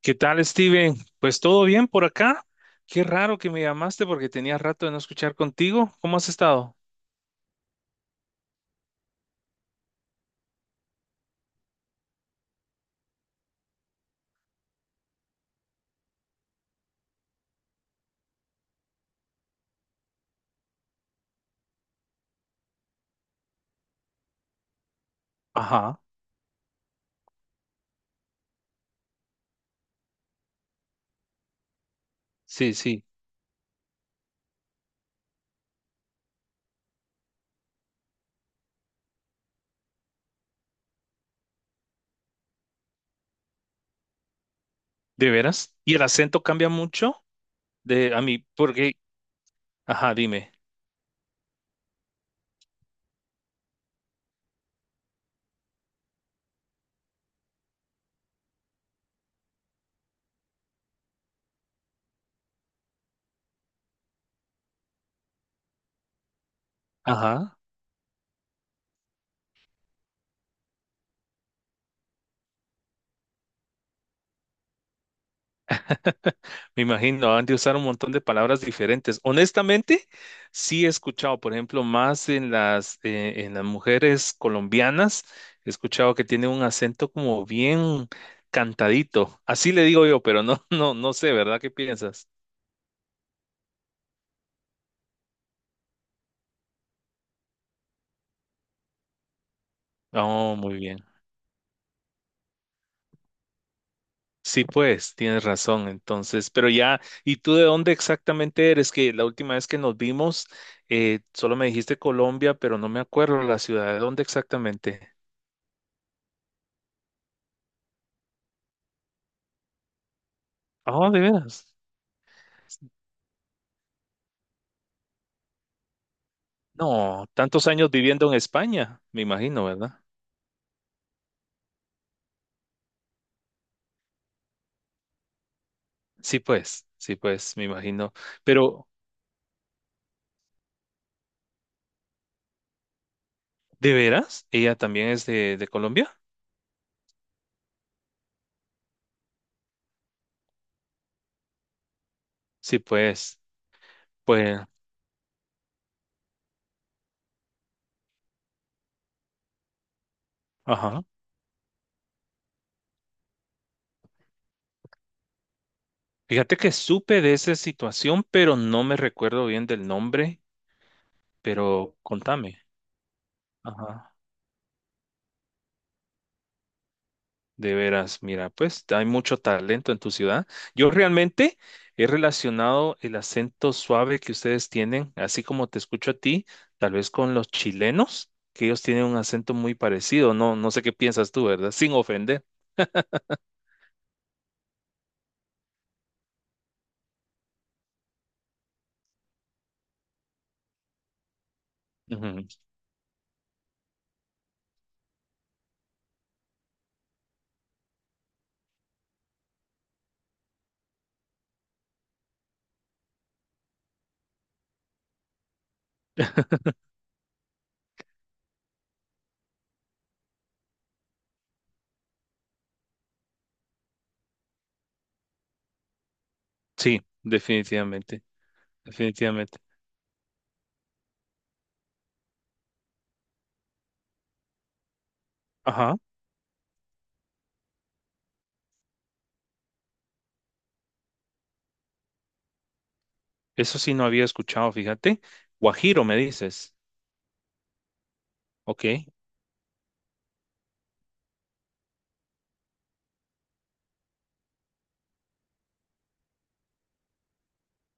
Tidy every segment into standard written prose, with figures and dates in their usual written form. ¿Qué tal, Steven? Pues todo bien por acá. Qué raro que me llamaste porque tenía rato de no escuchar contigo. ¿Cómo has estado? Ajá, sí, de veras. ¿Y el acento cambia mucho? De a mí, porque, ajá, dime. Ajá, me imagino, han de usar un montón de palabras diferentes. Honestamente, sí he escuchado, por ejemplo, más en las mujeres colombianas, he escuchado que tiene un acento como bien cantadito. Así le digo yo, pero no, no sé, ¿verdad? ¿Qué piensas? Oh, muy bien. Sí, pues, tienes razón. Entonces, pero ya, ¿y tú de dónde exactamente eres? Que la última vez que nos vimos, solo me dijiste Colombia, pero no me acuerdo la ciudad. ¿De dónde exactamente? Oh, de veras. No, tantos años viviendo en España, me imagino, ¿verdad? Sí, pues, me imagino. Pero, ¿de veras? ¿Ella también es de Colombia? Sí, pues, pues, ajá. Fíjate que supe de esa situación, pero no me recuerdo bien del nombre. Pero contame, ajá, de veras, mira, pues hay mucho talento en tu ciudad. Yo realmente he relacionado el acento suave que ustedes tienen, así como te escucho a ti, tal vez con los chilenos, que ellos tienen un acento muy parecido. No, no sé qué piensas tú, ¿verdad? Sin ofender. Ujú. Sí, definitivamente, definitivamente. Ajá, eso sí no había escuchado, fíjate. Guajiro, me dices. Ok,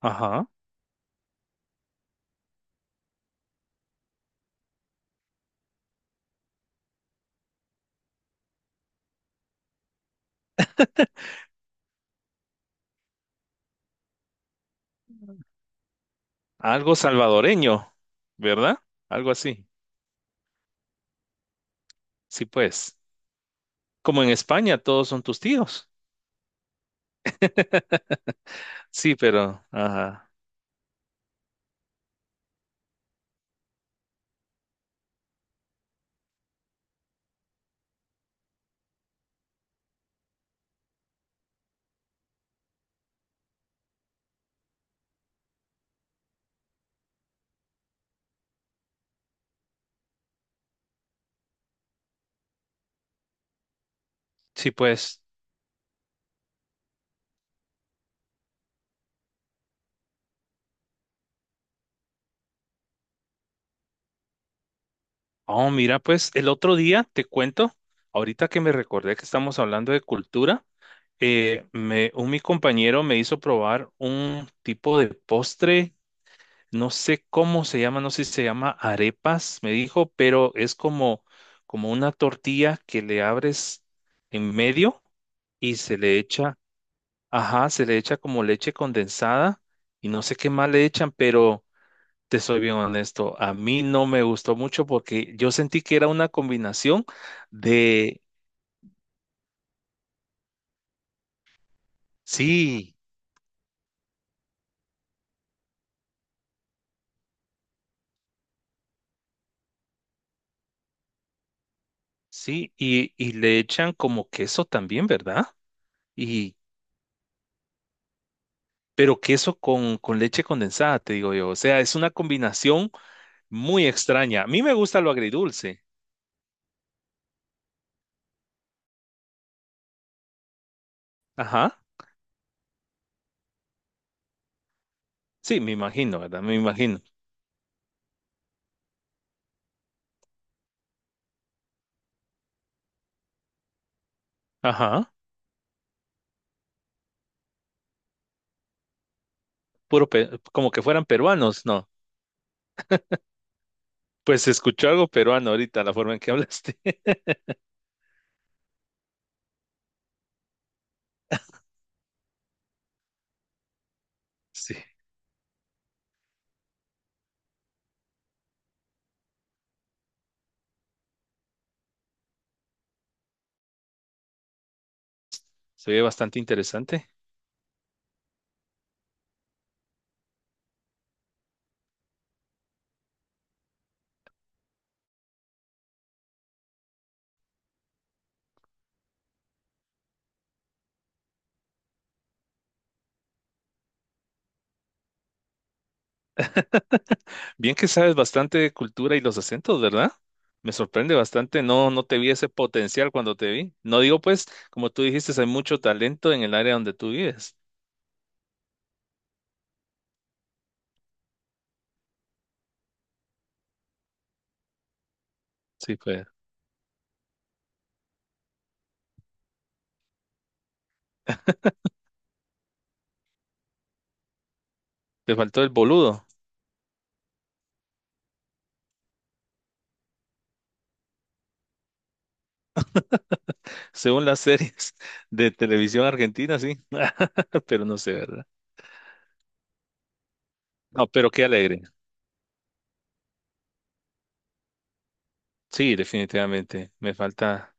ajá. Algo salvadoreño, ¿verdad? Algo así. Sí, pues. Como en España, todos son tus tíos. Sí, pero, ajá. Sí, pues. Oh, mira, pues el otro día te cuento, ahorita que me recordé que estamos hablando de cultura, un mi compañero me hizo probar un tipo de postre, no sé cómo se llama, no sé si se llama arepas, me dijo, pero es como, como una tortilla que le abres en medio y se le echa. Ajá, se le echa como leche condensada y no sé qué más le echan, pero te soy bien honesto, a mí no me gustó mucho porque yo sentí que era una combinación de, sí, sí, y le echan como queso también, ¿verdad? Y, pero queso con leche condensada, te digo yo, o sea, es una combinación muy extraña. A mí me gusta lo agridulce, ajá, sí, me imagino, ¿verdad? Me imagino, ajá, puro, como que fueran peruanos, ¿no? Pues escuchó algo peruano ahorita, la forma en que hablaste. Sí, se ve bastante interesante. Bien que sabes bastante de cultura y los acentos, ¿verdad? Me sorprende bastante. No, no te vi ese potencial cuando te vi. No digo, pues, como tú dijiste, hay mucho talento en el área donde tú vives. Sí, pues, te faltó el boludo, según las series de televisión argentina, sí. Pero no sé, ¿verdad? No, pero qué alegre. Sí, definitivamente. Me falta.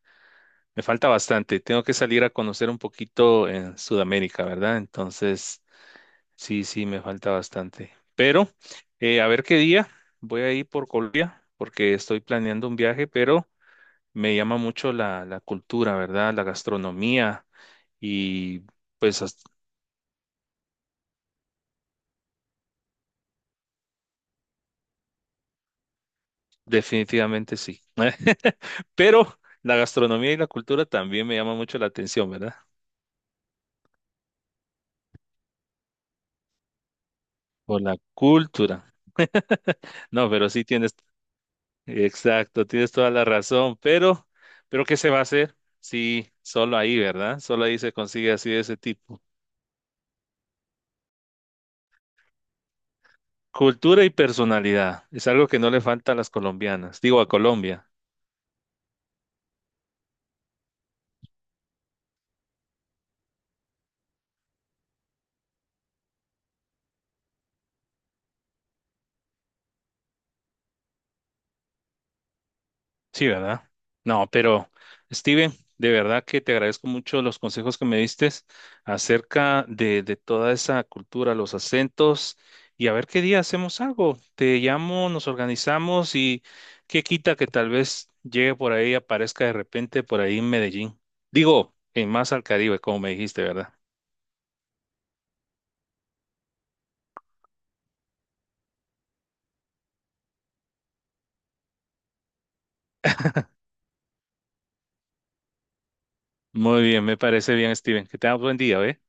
Me falta bastante. Tengo que salir a conocer un poquito en Sudamérica, ¿verdad? Entonces, sí, me falta bastante. Pero, a ver qué día voy a ir por Colombia, porque estoy planeando un viaje, pero me llama mucho la cultura, ¿verdad? La gastronomía y pues as- definitivamente sí. Pero la gastronomía y la cultura también me llama mucho la atención, ¿verdad? Por la cultura. No, pero sí tienes. Exacto, tienes toda la razón, pero ¿qué se va a hacer? Sí, solo ahí, ¿verdad? Solo ahí se consigue así de ese tipo. Cultura y personalidad es algo que no le falta a las colombianas, digo a Colombia. Sí, ¿verdad? No, pero Steven, de verdad que te agradezco mucho los consejos que me diste acerca de toda esa cultura, los acentos, y a ver qué día hacemos algo. Te llamo, nos organizamos y qué quita que tal vez llegue por ahí, aparezca de repente por ahí en Medellín. Digo, en más al Caribe, como me dijiste, ¿verdad? Muy bien, me parece bien, Steven. Que tengas buen día, ¿eh?